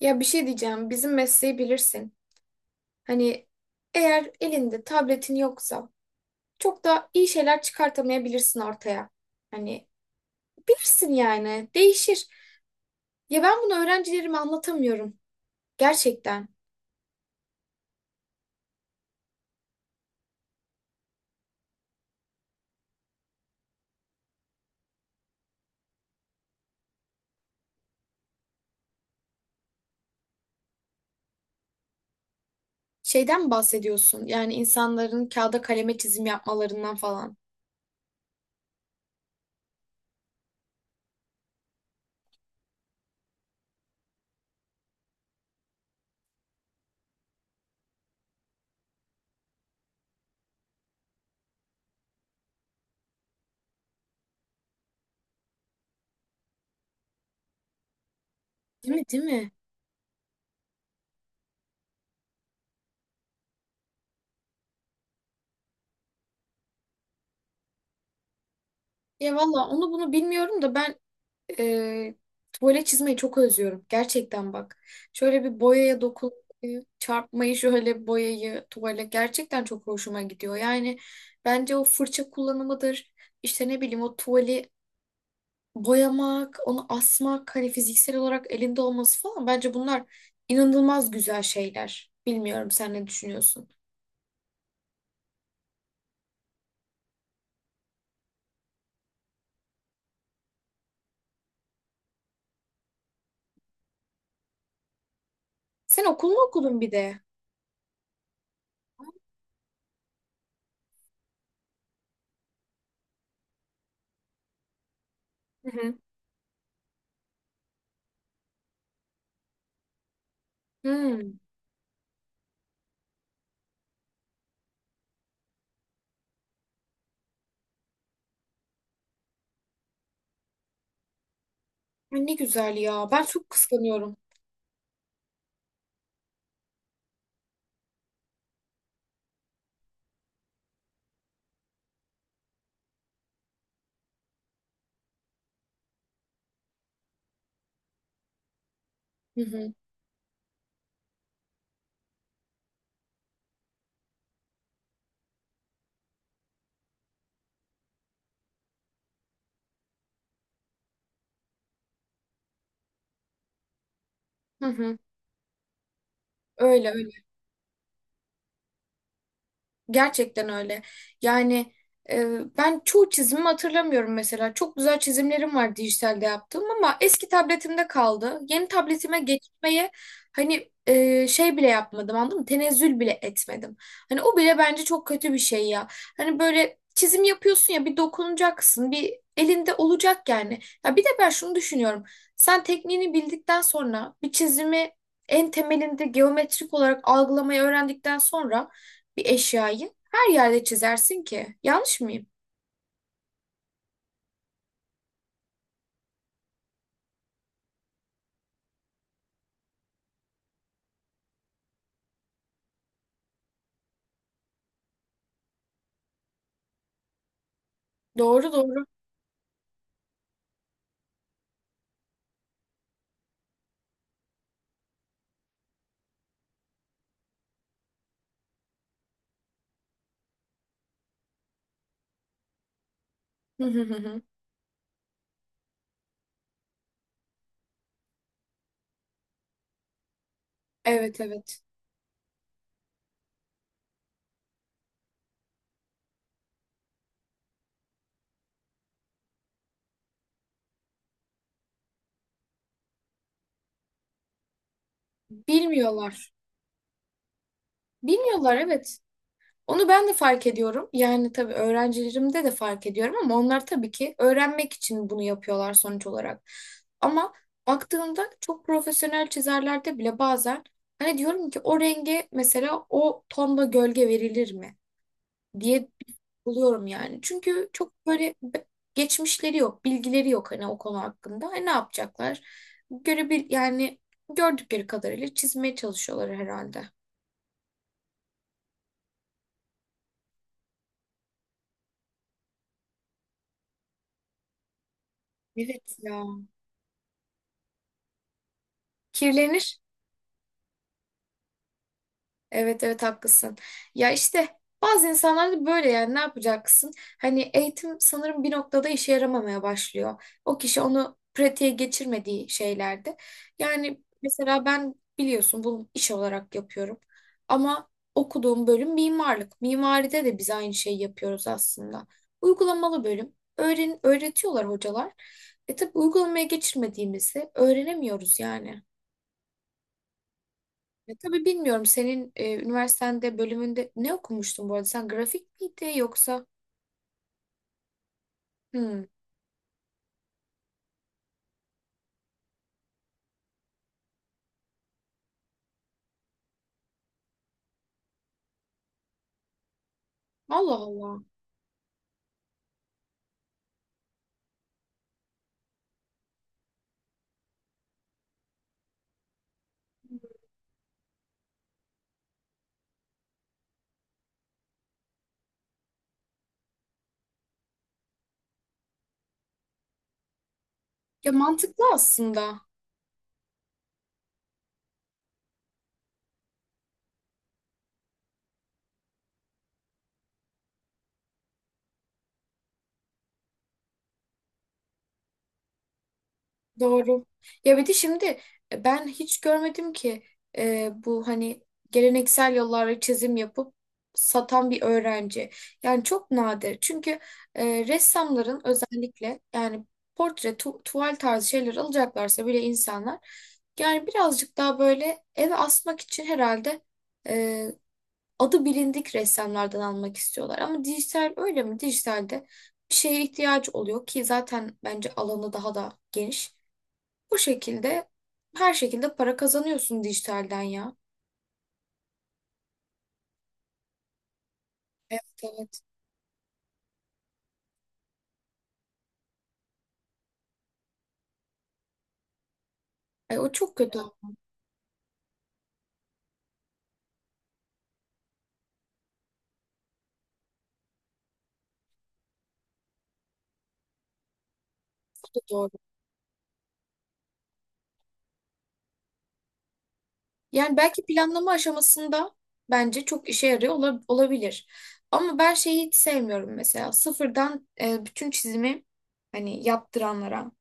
Ya bir şey diyeceğim. Bizim mesleği bilirsin. Hani eğer elinde tabletin yoksa çok da iyi şeyler çıkartamayabilirsin ortaya. Hani bilirsin yani. Değişir. Ya ben bunu öğrencilerime anlatamıyorum. Gerçekten. Şeyden mi bahsediyorsun? Yani insanların kağıda kaleme çizim yapmalarından falan. Değil mi? Değil mi? Ya valla onu bunu bilmiyorum da ben e, tuvalet çizmeyi çok özlüyorum. Gerçekten bak. Şöyle bir boyaya dokunmayı, çarpmayı, şöyle boyayı, tuvale gerçekten çok hoşuma gidiyor. Yani bence o fırça kullanımıdır. İşte ne bileyim o tuvali boyamak, onu asmak, hani fiziksel olarak elinde olması falan. Bence bunlar inanılmaz güzel şeyler. Bilmiyorum sen ne düşünüyorsun? Sen okul mu okudun bir de? Hı hı. Hmm. Ay, ne güzel ya. Ben çok kıskanıyorum. Hı hı. Hı hı. Öyle öyle. Gerçekten öyle. Yani Ben çoğu çizimimi hatırlamıyorum mesela. Çok güzel çizimlerim var dijitalde yaptığım ama eski tabletimde kaldı. Yeni tabletime geçmeye hani şey bile yapmadım, anladın mı? Tenezzül bile etmedim. Hani o bile bence çok kötü bir şey ya. Hani böyle çizim yapıyorsun ya, bir dokunacaksın, bir elinde olacak yani. Ya bir de ben şunu düşünüyorum. Sen tekniğini bildikten sonra bir çizimi en temelinde geometrik olarak algılamayı öğrendikten sonra bir eşyayı her yerde çizersin ki. Yanlış mıyım? Doğru doğru. Hı hı hı hı. Evet evet. Bilmiyorlar. Bilmiyorlar evet. Onu ben de fark ediyorum. Yani tabii öğrencilerimde de fark ediyorum ama onlar tabii ki öğrenmek için bunu yapıyorlar sonuç olarak. Ama baktığımda çok profesyonel çizerlerde bile bazen hani diyorum ki o renge mesela o tonda gölge verilir mi diye buluyorum yani. Çünkü çok böyle geçmişleri yok, bilgileri yok hani o konu hakkında. Hani ne yapacaklar? Görebil yani gördükleri kadarıyla çizmeye çalışıyorlar herhalde. Evet ya. Kirlenir. Evet evet, haklısın. Ya işte bazı insanlar da böyle, yani ne yapacaksın? Hani eğitim sanırım bir noktada işe yaramamaya başlıyor. O kişi onu pratiğe geçirmediği şeylerde. Yani mesela ben biliyorsun bunu iş olarak yapıyorum. Ama okuduğum bölüm mimarlık. Mimaride de biz aynı şeyi yapıyoruz aslında. Uygulamalı bölüm. Öğren öğretiyorlar hocalar. E tabii uygulamaya geçirmediğimizi öğrenemiyoruz yani. Ya tabii bilmiyorum, senin üniversitende bölümünde ne okumuştun bu arada? Sen grafik miydi yoksa? Hmm. Allah Allah. Ya mantıklı aslında. Doğru. Ya bir de şimdi ben hiç görmedim ki bu hani geleneksel yollarla çizim yapıp satan bir öğrenci. Yani çok nadir. Çünkü ressamların özellikle yani portre, tuval tarzı şeyler alacaklarsa bile insanlar yani birazcık daha böyle eve asmak için herhalde adı bilindik ressamlardan almak istiyorlar. Ama dijital öyle mi? Dijitalde bir şeye ihtiyaç oluyor ki zaten bence alanı daha da geniş. Bu şekilde her şekilde para kazanıyorsun dijitalden ya. Evet evet. Ay, o çok kötü. Evet. Bu da doğru. Yani belki planlama aşamasında bence çok işe yarıyor olabilir. Ama ben şeyi hiç sevmiyorum mesela. Sıfırdan bütün çizimi hani yaptıranlara.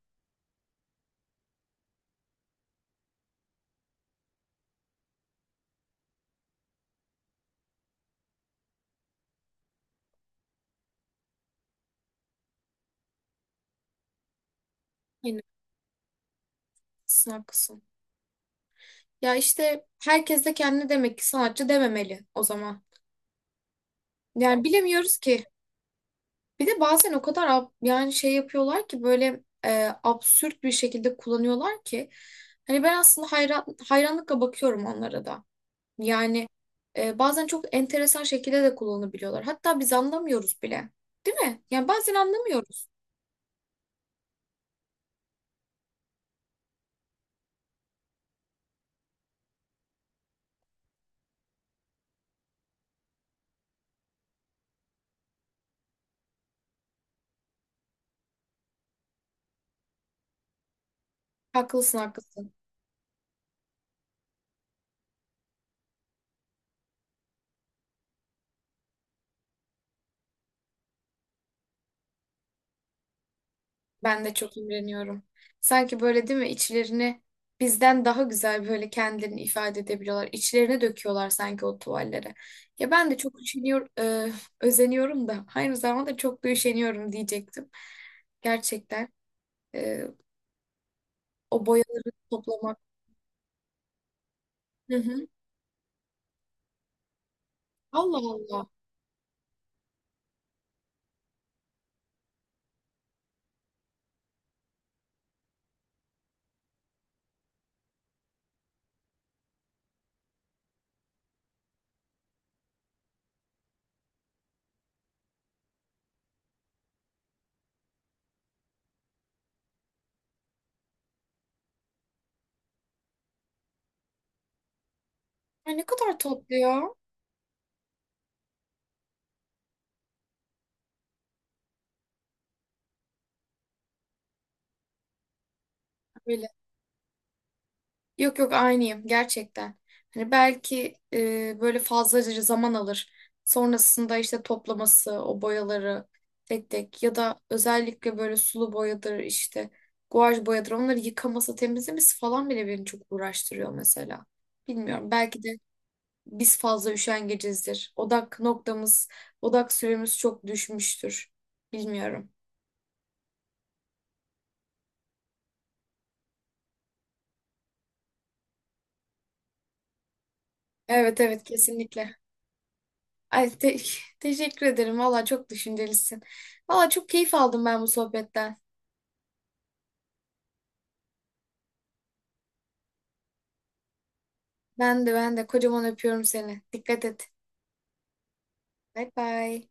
Aynen. Haklısın, haklısın. Ya işte herkes de kendine demek ki sanatçı dememeli o zaman. Yani bilemiyoruz ki. Bir de bazen o kadar yani şey yapıyorlar ki böyle absürt bir şekilde kullanıyorlar ki. Hani ben aslında hayranlıkla bakıyorum onlara da. Yani Bazen çok enteresan şekilde de kullanabiliyorlar. Hatta biz anlamıyoruz bile. Değil mi? Yani bazen anlamıyoruz. Haklısın haklısın. Ben de çok imreniyorum. Sanki böyle değil mi, içlerini bizden daha güzel böyle kendilerini ifade edebiliyorlar. İçlerine döküyorlar sanki o tuvallere. Ya ben de çok üşeniyor, e, Özeniyorum da aynı zamanda çok da üşeniyorum diyecektim. Gerçekten e, O boyaları toplamak. Hı hı. Allah Allah. Ay ne kadar tatlı ya. Yok yok, aynıyım gerçekten. Hani belki böyle fazlaca zaman alır. Sonrasında işte toplaması, o boyaları tek tek ya da özellikle böyle sulu boyadır, işte guaj boyadır, onları yıkaması, temizlemesi falan bile beni çok uğraştırıyor mesela. Bilmiyorum, belki de biz fazla üşengecizdir. Odak noktamız, odak süremiz çok düşmüştür. Bilmiyorum. Evet evet, kesinlikle. Ay, teşekkür ederim. Valla çok düşüncelisin. Valla çok keyif aldım ben bu sohbetten. Ben de ben de kocaman öpüyorum seni. Dikkat et. Bay bay.